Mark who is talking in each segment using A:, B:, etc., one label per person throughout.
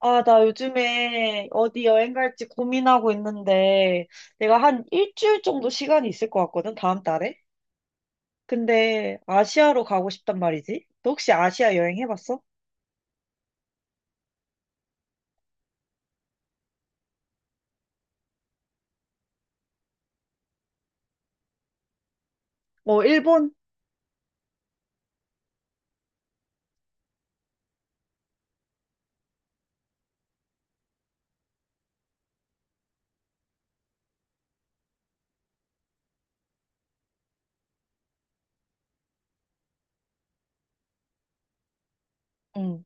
A: 아, 나 요즘에 어디 여행 갈지 고민하고 있는데, 내가 한 일주일 정도 시간이 있을 것 같거든, 다음 달에? 근데 아시아로 가고 싶단 말이지? 너 혹시 아시아 여행 해봤어? 어, 일본? 응.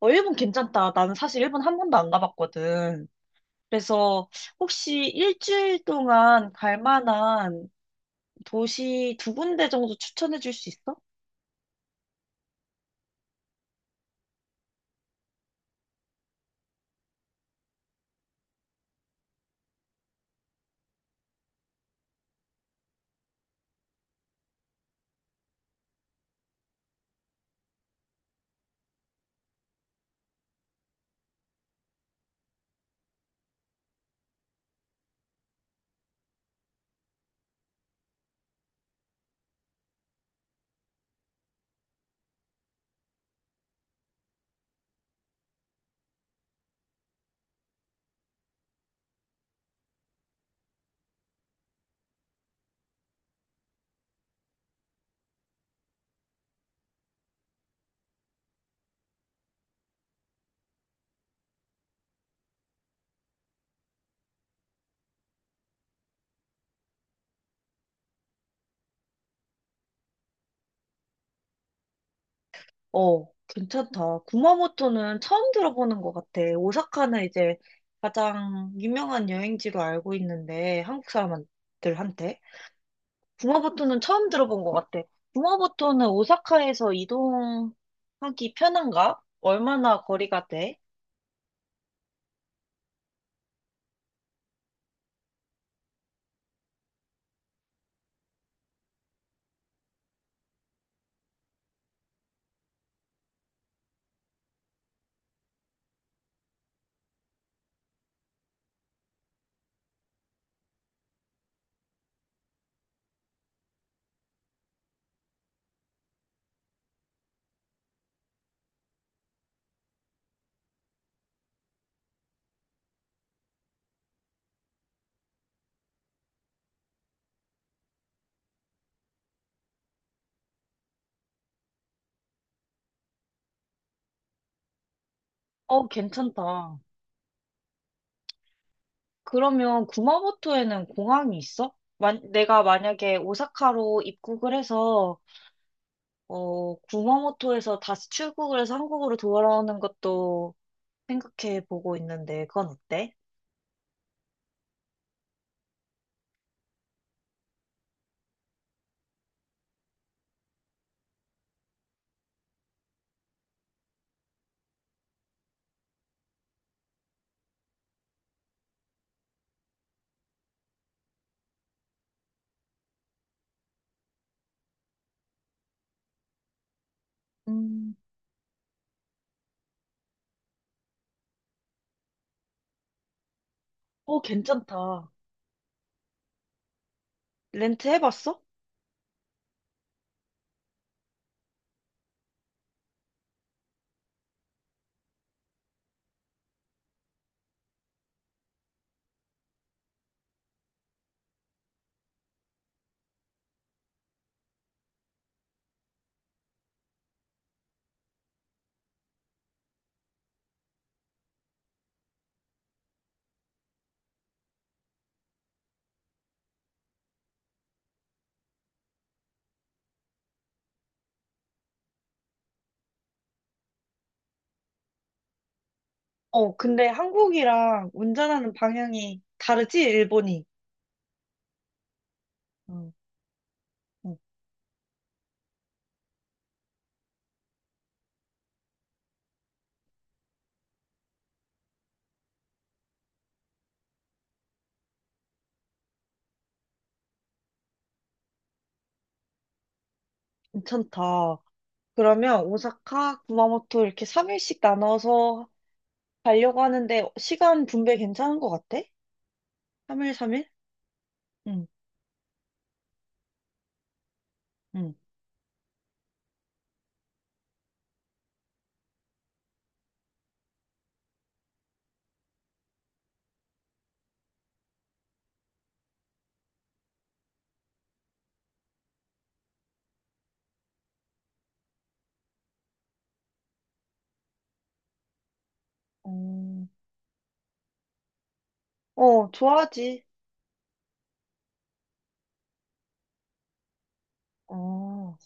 A: 어, 일본 괜찮다. 나는 사실 일본 한 번도 안 가봤거든. 그래서 혹시 일주일 동안 갈 만한 도시 두 군데 정도 추천해 줄 수 있어? 어, 괜찮다. 구마모토는 처음 들어보는 것 같아. 오사카는 이제 가장 유명한 여행지로 알고 있는데, 한국 사람들한테. 구마모토는 처음 들어본 것 같아. 구마모토는 오사카에서 이동하기 편한가? 얼마나 거리가 돼? 어, 괜찮다. 그러면 구마모토에는 공항이 있어? 만, 내가 만약에 오사카로 입국을 해서, 어, 구마모토에서 다시 출국을 해서 한국으로 돌아오는 것도 생각해 보고 있는데 그건 어때? 음, 어, 괜찮다. 렌트 해봤어? 어, 근데 한국이랑 운전하는 방향이 다르지? 일본이. 응. 응, 괜찮다. 그러면 오사카, 구마모토 이렇게 3일씩 나눠서 가려고 하는데 시간 분배 괜찮은 것 같아? 3일, 3일? 응, 응. 어, 어, 좋아하지. 어,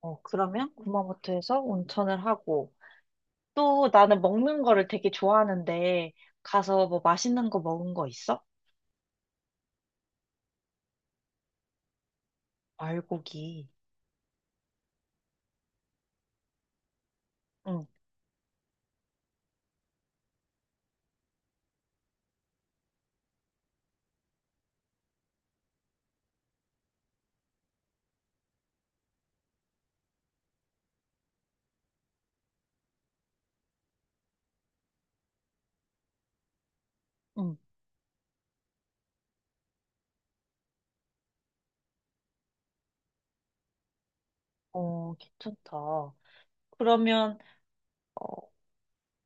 A: 어, 그러면 구마모토에서 온천을 하고 또 나는 먹는 거를 되게 좋아하는데 가서 뭐 맛있는 거 먹은 거 있어? 알고기. 응, 응. 어, 괜찮다. 그러면 어,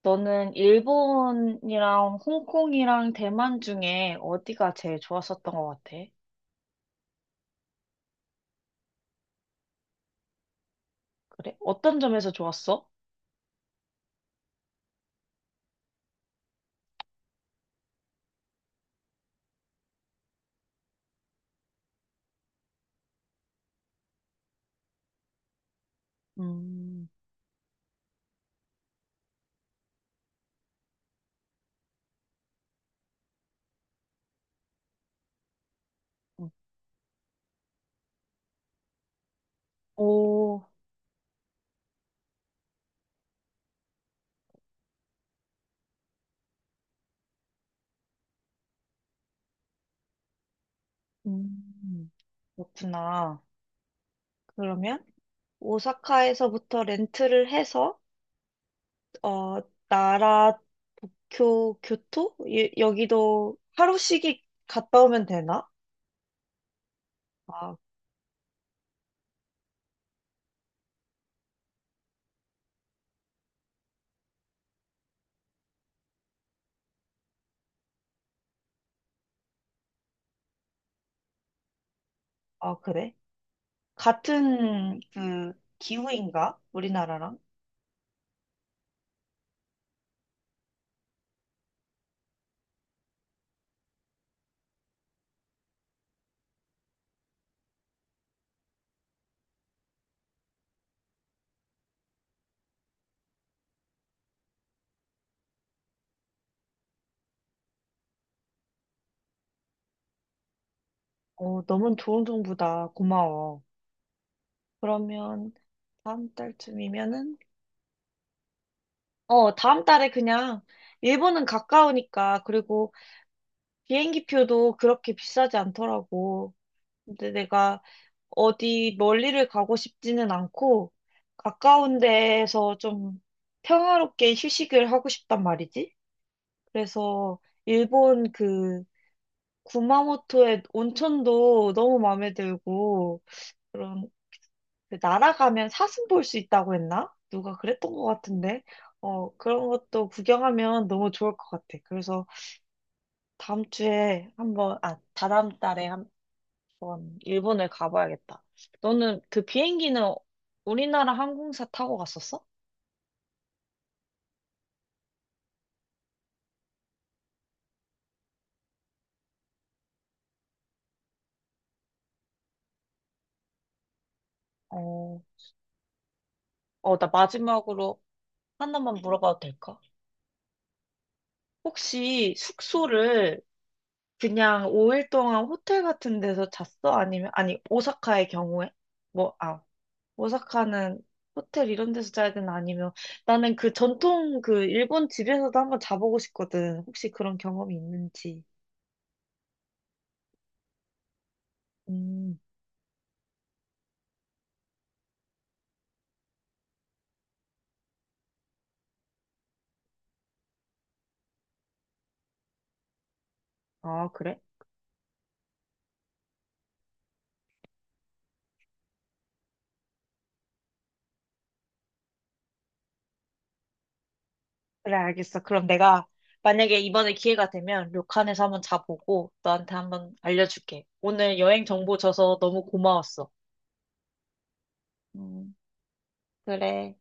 A: 너는 일본이랑 홍콩이랑 대만 중에 어디가 제일 좋았었던 것 같아? 그래? 어떤 점에서 좋았어? 음, 음. 오, 음, 그렇구나. 그러면 오사카에서부터 렌트를 해서 어, 나라, 도쿄, 교토? 여기도 하루씩 갔다 오면 되나? 아, 아, 그래? 같은 그 기후인가? 우리나라랑? 어, 너무 좋은 정보다. 고마워. 그러면 다음 달쯤이면은 어, 다음 달에 그냥 일본은 가까우니까 그리고 비행기 표도 그렇게 비싸지 않더라고. 근데 내가 어디 멀리를 가고 싶지는 않고 가까운 데에서 좀 평화롭게 휴식을 하고 싶단 말이지. 그래서 일본 그 구마모토의 온천도 너무 마음에 들고 그런 그 날아가면 사슴 볼 수 있다고 했나? 누가 그랬던 것 같은데. 어, 그런 것도 구경하면 너무 좋을 것 같아. 그래서 다음 주에 한번, 아, 다다음 달에 한번 일본을 가봐야겠다. 너는 그 비행기는 우리나라 항공사 타고 갔었어? 어, 어, 나 마지막으로 하나만 물어봐도 될까? 혹시 숙소를 그냥 5일 동안 호텔 같은 데서 잤어? 아니면, 아니, 오사카의 경우에? 뭐, 아, 오사카는 호텔 이런 데서 자야 되나? 아니면 나는 그 전통 그 일본 집에서도 한번 자보고 싶거든. 혹시 그런 경험이 있는지. 음, 아, 그래? 그래, 알겠어. 그럼 내가 만약에 이번에 기회가 되면 료칸에서 한번 자보고 너한테 한번 알려줄게. 오늘 여행 정보 줘서 너무 고마웠어. 음, 그래.